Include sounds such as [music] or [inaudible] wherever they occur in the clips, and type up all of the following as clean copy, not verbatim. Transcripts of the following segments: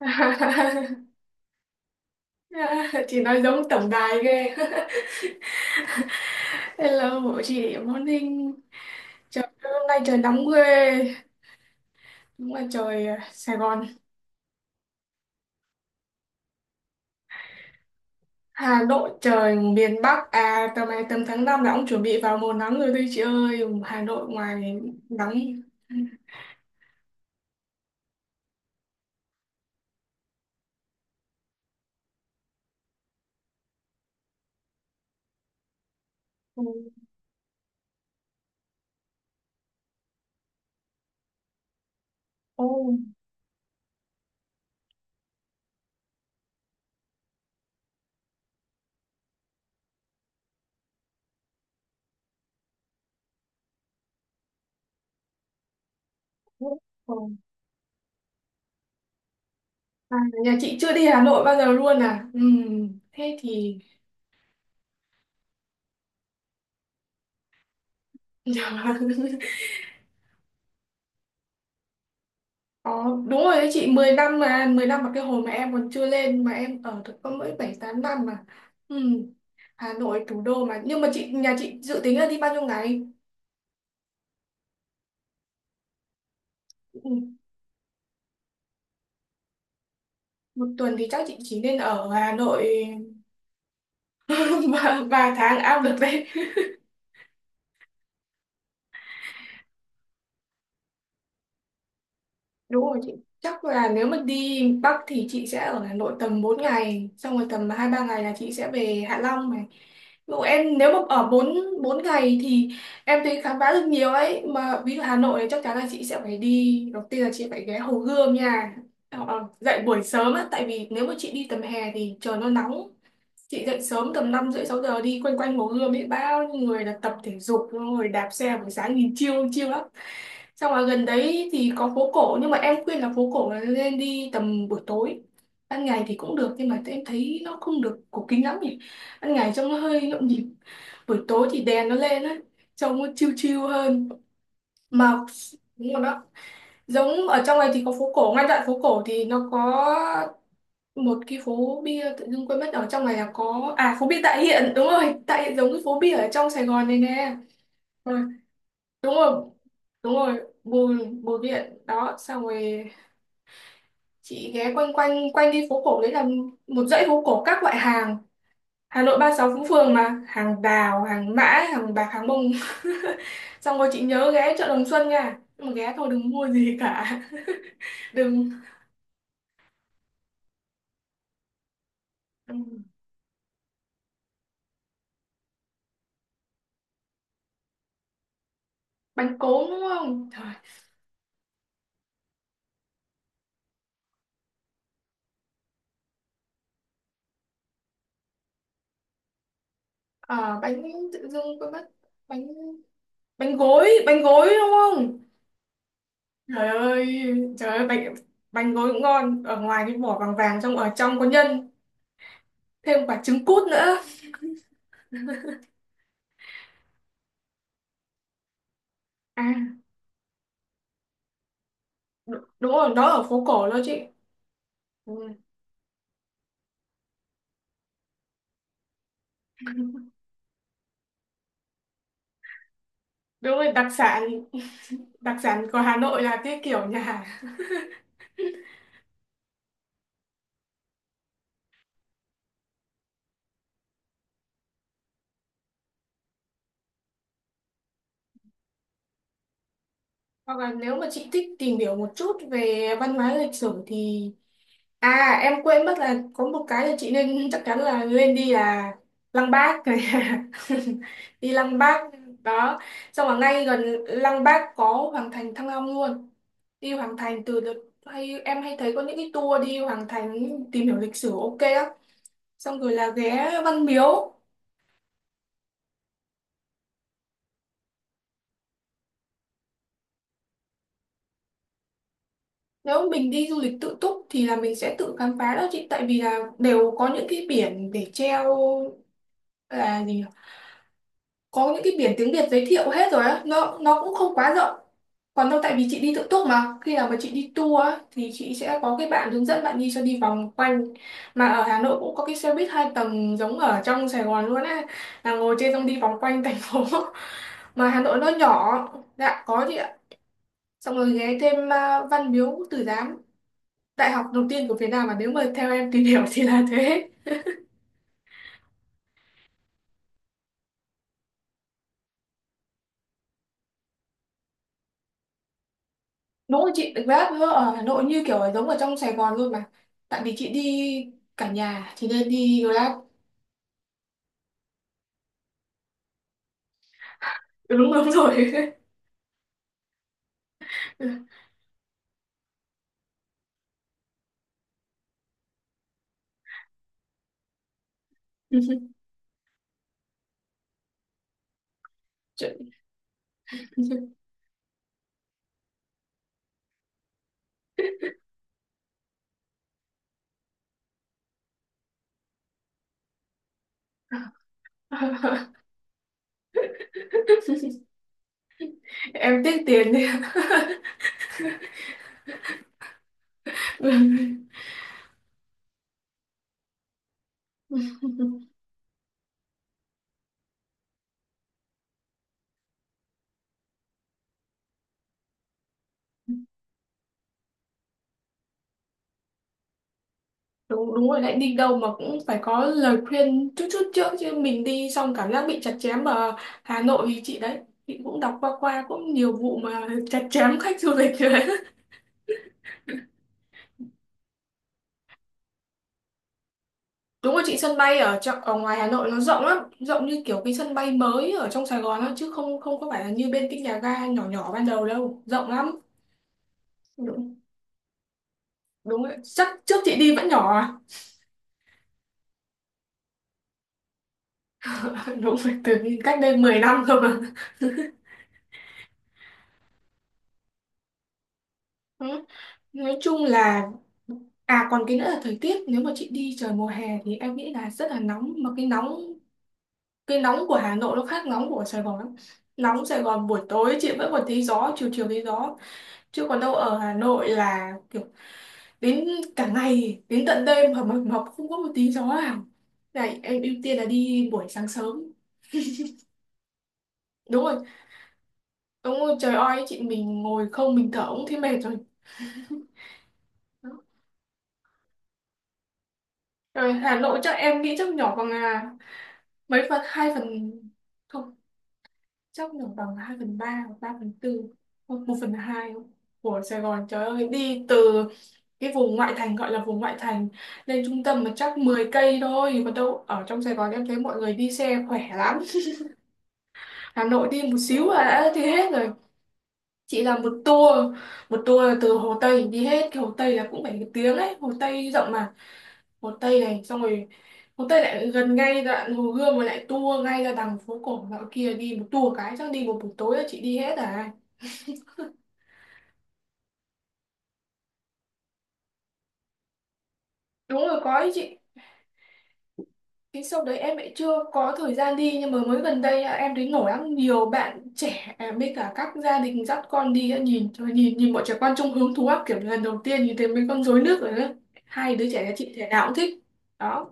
[laughs] Chị nói giống tổng đài ghê. [laughs] Hello của chị, morning. Trời ơi, hôm nay trời nóng ghê. Đúng là trời Sài Gòn. Hà Nội trời miền Bắc à, tầm này tầm tháng 5 là ông chuẩn bị vào mùa nắng rồi đấy chị ơi. Hà Nội ngoài nắng. Ừ. Ô, ừ. Ừ. À, nhà chị chưa đi Hà Nội bao giờ luôn à? Ừ. Thế thì. [laughs] Ờ, đúng rồi đấy chị, 10 năm mà, cái hồi mà em còn chưa lên mà em ở được có mỗi 7 8 năm mà. Ừ. Hà Nội thủ đô mà, nhưng mà nhà chị dự tính là đi bao nhiêu ngày? Ừ. Một tuần thì chắc chị chỉ nên ở Hà Nội. [laughs] 3 tháng ao được đấy. Đúng rồi chị. Chắc là nếu mà đi Bắc thì chị sẽ ở Hà Nội tầm 4 ngày, xong rồi tầm 2 3 ngày là chị sẽ về Hạ Long này. Ví dụ em nếu mà ở 4 4 ngày thì em thấy khám phá được nhiều ấy, mà ví dụ Hà Nội thì chắc chắn là chị sẽ phải đi, đầu tiên là chị phải ghé Hồ Gươm nha. Ờ, dậy buổi sớm á, tại vì nếu mà chị đi tầm hè thì trời nó nóng. Chị dậy sớm tầm 5 rưỡi 6 giờ đi quanh quanh Hồ Gươm ấy, bao nhiêu người là tập thể dục rồi đạp xe buổi sáng, nhìn chiêu chiêu lắm. Xong ở gần đấy thì có phố cổ, nhưng mà em khuyên là phố cổ là nên đi tầm buổi tối. Ban ngày thì cũng được nhưng mà em thấy nó không được cổ kính lắm nhỉ. Ban ngày trông nó hơi nhộn nhịp. Buổi tối thì đèn nó lên á, trông nó chill chill hơn. Mà đúng rồi đó. Giống ở trong này thì có phố cổ, ngay đoạn phố cổ thì nó có một cái phố bia, tự dưng quên mất, ở trong này là có, à, phố bia Tạ Hiện, đúng rồi Tạ Hiện, giống cái phố bia ở trong Sài Gòn này nè. Ừ, đúng rồi đúng rồi bùi bùi viện đó, xong rồi chị ghé quanh quanh quanh đi phố cổ đấy là một dãy phố cổ các loại hàng. Hà Nội 36 phố phường mà, hàng đào hàng mã hàng bạc hàng bông. [laughs] Xong rồi chị nhớ ghé chợ Đồng Xuân nha, nhưng mà ghé thôi đừng mua gì cả. [laughs] Đừng. Ừ, bánh cốm đúng không? Trời. À, bánh, tự dưng quên mất bánh bánh gối, bánh gối đúng không? Trời ơi, trời ơi, bánh bánh gối cũng ngon, ở ngoài cái vỏ vàng vàng, trong ở trong có nhân, thêm quả trứng cút nữa. À, đúng rồi đó, ở phố cổ đó chị. Ừ, đúng rồi, đặc sản của Hà Nội là cái kiểu nhà hàng. Hoặc là nếu mà chị thích tìm hiểu một chút về văn hóa lịch sử thì, à em quên mất là có một cái là chị nên [laughs] chắc chắn là lên đi là Lăng Bác này. [laughs] Đi Lăng Bác đó. Xong là ngay gần Lăng Bác có Hoàng thành Thăng Long luôn. Đi Hoàng thành từ đợt, hay em hay thấy có những cái tour đi Hoàng thành tìm hiểu lịch sử, ok á. Xong rồi là ghé Văn Miếu. Nếu mình đi du lịch tự túc thì là mình sẽ tự khám phá đó chị, tại vì là đều có những cái biển để treo, là gì nhỉ? Có những cái biển tiếng Việt giới thiệu hết rồi á, nó cũng không quá rộng. Còn đâu tại vì chị đi tự túc mà, khi nào mà chị đi tour á, thì chị sẽ có cái bạn hướng dẫn, bạn đi cho đi vòng quanh. Mà ở Hà Nội cũng có cái xe buýt hai tầng giống ở trong Sài Gòn luôn á, là ngồi trên xong đi vòng quanh thành phố. [laughs] Mà Hà Nội nó nhỏ. Dạ có chị ạ. Xong rồi ghé thêm, à, Văn Miếu Quốc Tử Giám, đại học đầu tiên của Việt Nam, mà nếu mà theo em tìm hiểu thì là thế. Đúng rồi chị, Grab ở Hà Nội như kiểu là giống ở trong Sài Gòn luôn mà, tại vì chị đi cả nhà thì nên đi Grab. Đúng, đúng rồi. [laughs] Chuyện- [laughs] em tiếc tiền. [laughs] Đi đúng, đúng rồi, lại đi đâu mà cũng phải có lời khuyên chút chút trước chứ, mình đi xong cảm giác bị chặt chém ở Hà Nội thì chị đấy, chị cũng đọc qua qua cũng nhiều vụ mà chặt chém khách du lịch rồi. Đúng rồi chị, sân bay ở trong, ở ngoài Hà Nội nó rộng lắm, rộng như kiểu cái sân bay mới ở trong Sài Gòn á, chứ không không có phải là như bên cái nhà ga nhỏ nhỏ ban đầu đâu, rộng lắm. Đúng, đúng rồi. Chắc trước chị đi vẫn nhỏ à? [laughs] Đúng rồi, từ cách đây 10 năm cơ mà. Ừ. Nói chung là, à còn cái nữa là thời tiết, nếu mà chị đi trời mùa hè thì em nghĩ là rất là nóng, mà cái nóng, cái nóng của Hà Nội nó khác nóng của Sài Gòn lắm. Nóng Sài Gòn buổi tối chị vẫn còn thấy gió, chiều chiều thấy gió, chứ còn đâu ở Hà Nội là kiểu đến cả ngày đến tận đêm mà mờ mập không có một tí gió nào. Này em ưu tiên là đi buổi sáng sớm. Đúng rồi đúng rồi, trời ơi chị, mình ngồi không mình thở cũng thấy mệt rồi. [laughs] Đó. Rồi Hà Nội chắc em nghĩ chắc nhỏ bằng, à, mấy phần, hai phần, không, chắc nhỏ bằng hai phần ba hoặc ba phần tư, không, một phần hai của Sài Gòn. Trời ơi đi từ cái vùng ngoại thành, gọi là vùng ngoại thành, lên trung tâm mà chắc 10 cây thôi. Còn đâu ở trong Sài Gòn em thấy mọi người đi xe khỏe lắm, Hà Nội đi một xíu là đã đi hết rồi. Chị làm một tour là từ Hồ Tây, đi hết cái Hồ Tây là cũng phải một tiếng đấy, Hồ Tây rộng mà. Hồ Tây này, xong rồi Hồ Tây lại gần ngay đoạn Hồ Gươm, rồi lại tour ngay ra đằng phố cổ dạo kia, đi một tour cái chắc đi một buổi tối là chị đi hết à. [laughs] Đúng rồi có ý chị. Cái show đấy em lại chưa có thời gian đi, nhưng mà mới gần đây à, em thấy nổi lắm, nhiều bạn trẻ, à, với cả các gia đình dắt con đi, à, nhìn trời, nhìn nhìn bọn trẻ con trông hứng thú lắm, kiểu lần đầu tiên nhìn thấy mấy con rối nước rồi đó. Hai đứa trẻ nhà chị thể nào cũng thích đó.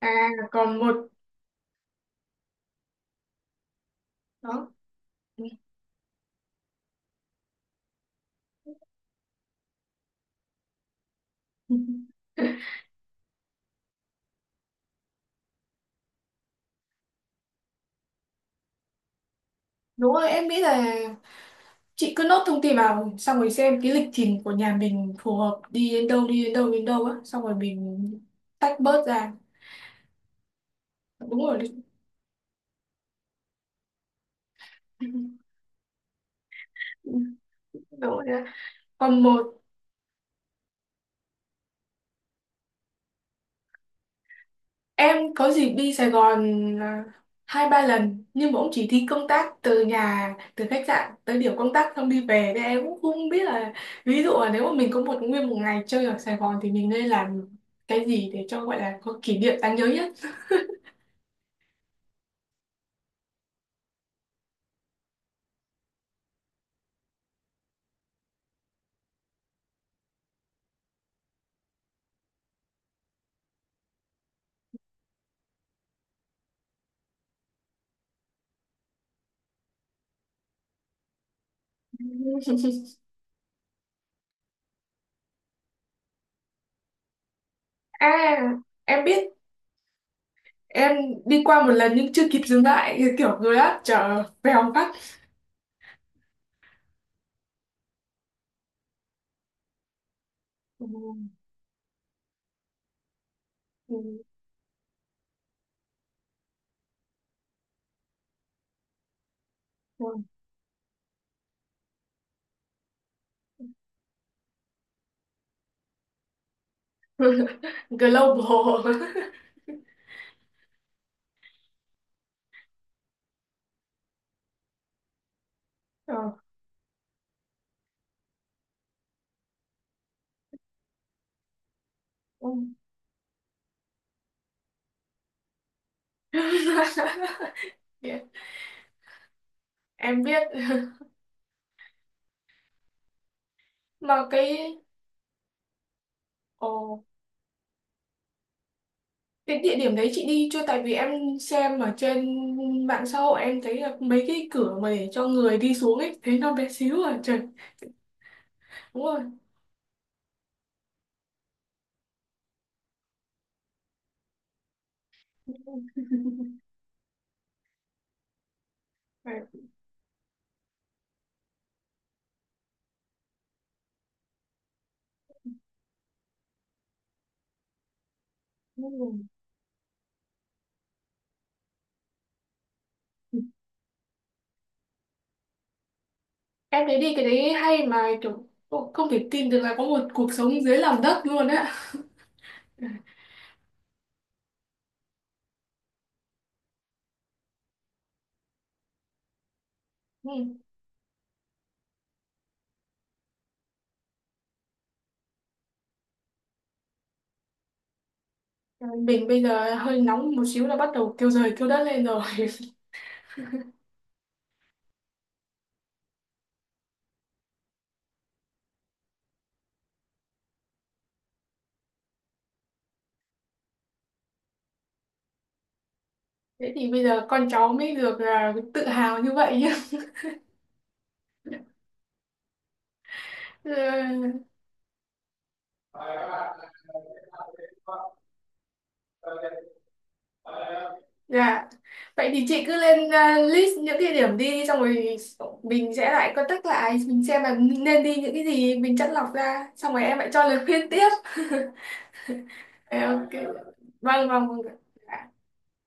À còn một, đó. [laughs] Đúng rồi em nghĩ là chị cứ nốt thông tin vào, xong rồi xem cái lịch trình của nhà mình phù hợp đi đến đâu á, xong rồi mình tách bớt ra. Đúng rồi. [laughs] Đúng rồi còn một. Em có dịp đi Sài Gòn, à, hai ba lần nhưng mà cũng chỉ đi công tác từ nhà, từ khách sạn tới điểm công tác, xong đi về, nên em cũng không biết là ví dụ là nếu mà mình có một nguyên một ngày chơi ở Sài Gòn thì mình nên làm cái gì để cho gọi là có kỷ niệm đáng nhớ nhất. [laughs] À em biết, em đi qua một lần nhưng chưa kịp dừng lại, kiểu người á chở vèo phát. Ừ, ừ, ừ. [laughs] Global. [laughs] Ờ, ừ. [laughs] Em biết. [laughs] Mà cái, ồ, cái địa điểm đấy chị đi chưa, tại vì em xem ở trên mạng xã hội em thấy là mấy cái cửa mà để cho người đi xuống ấy thấy nó bé xíu à, trời. Đúng rồi. [laughs] Phải, đúng rồi. Em thấy đi cái đấy hay, mà kiểu, ồ, không thể tin được là có một cuộc sống dưới lòng đất luôn á. Ừ. Mình bây giờ hơi nóng một xíu là bắt đầu kêu trời kêu đất lên rồi. [laughs] Thế thì bây giờ con cháu mới được, à, tự hào như vậy nhá. [laughs] Dạ. Vậy thì chị cứ lên list những địa điểm đi, xong rồi mình sẽ lại contact lại mình xem là nên đi những cái gì, mình chắt lọc ra, xong rồi em lại cho lời khuyên tiếp. [laughs] Ok. Vâng vâng vâng. Dạ.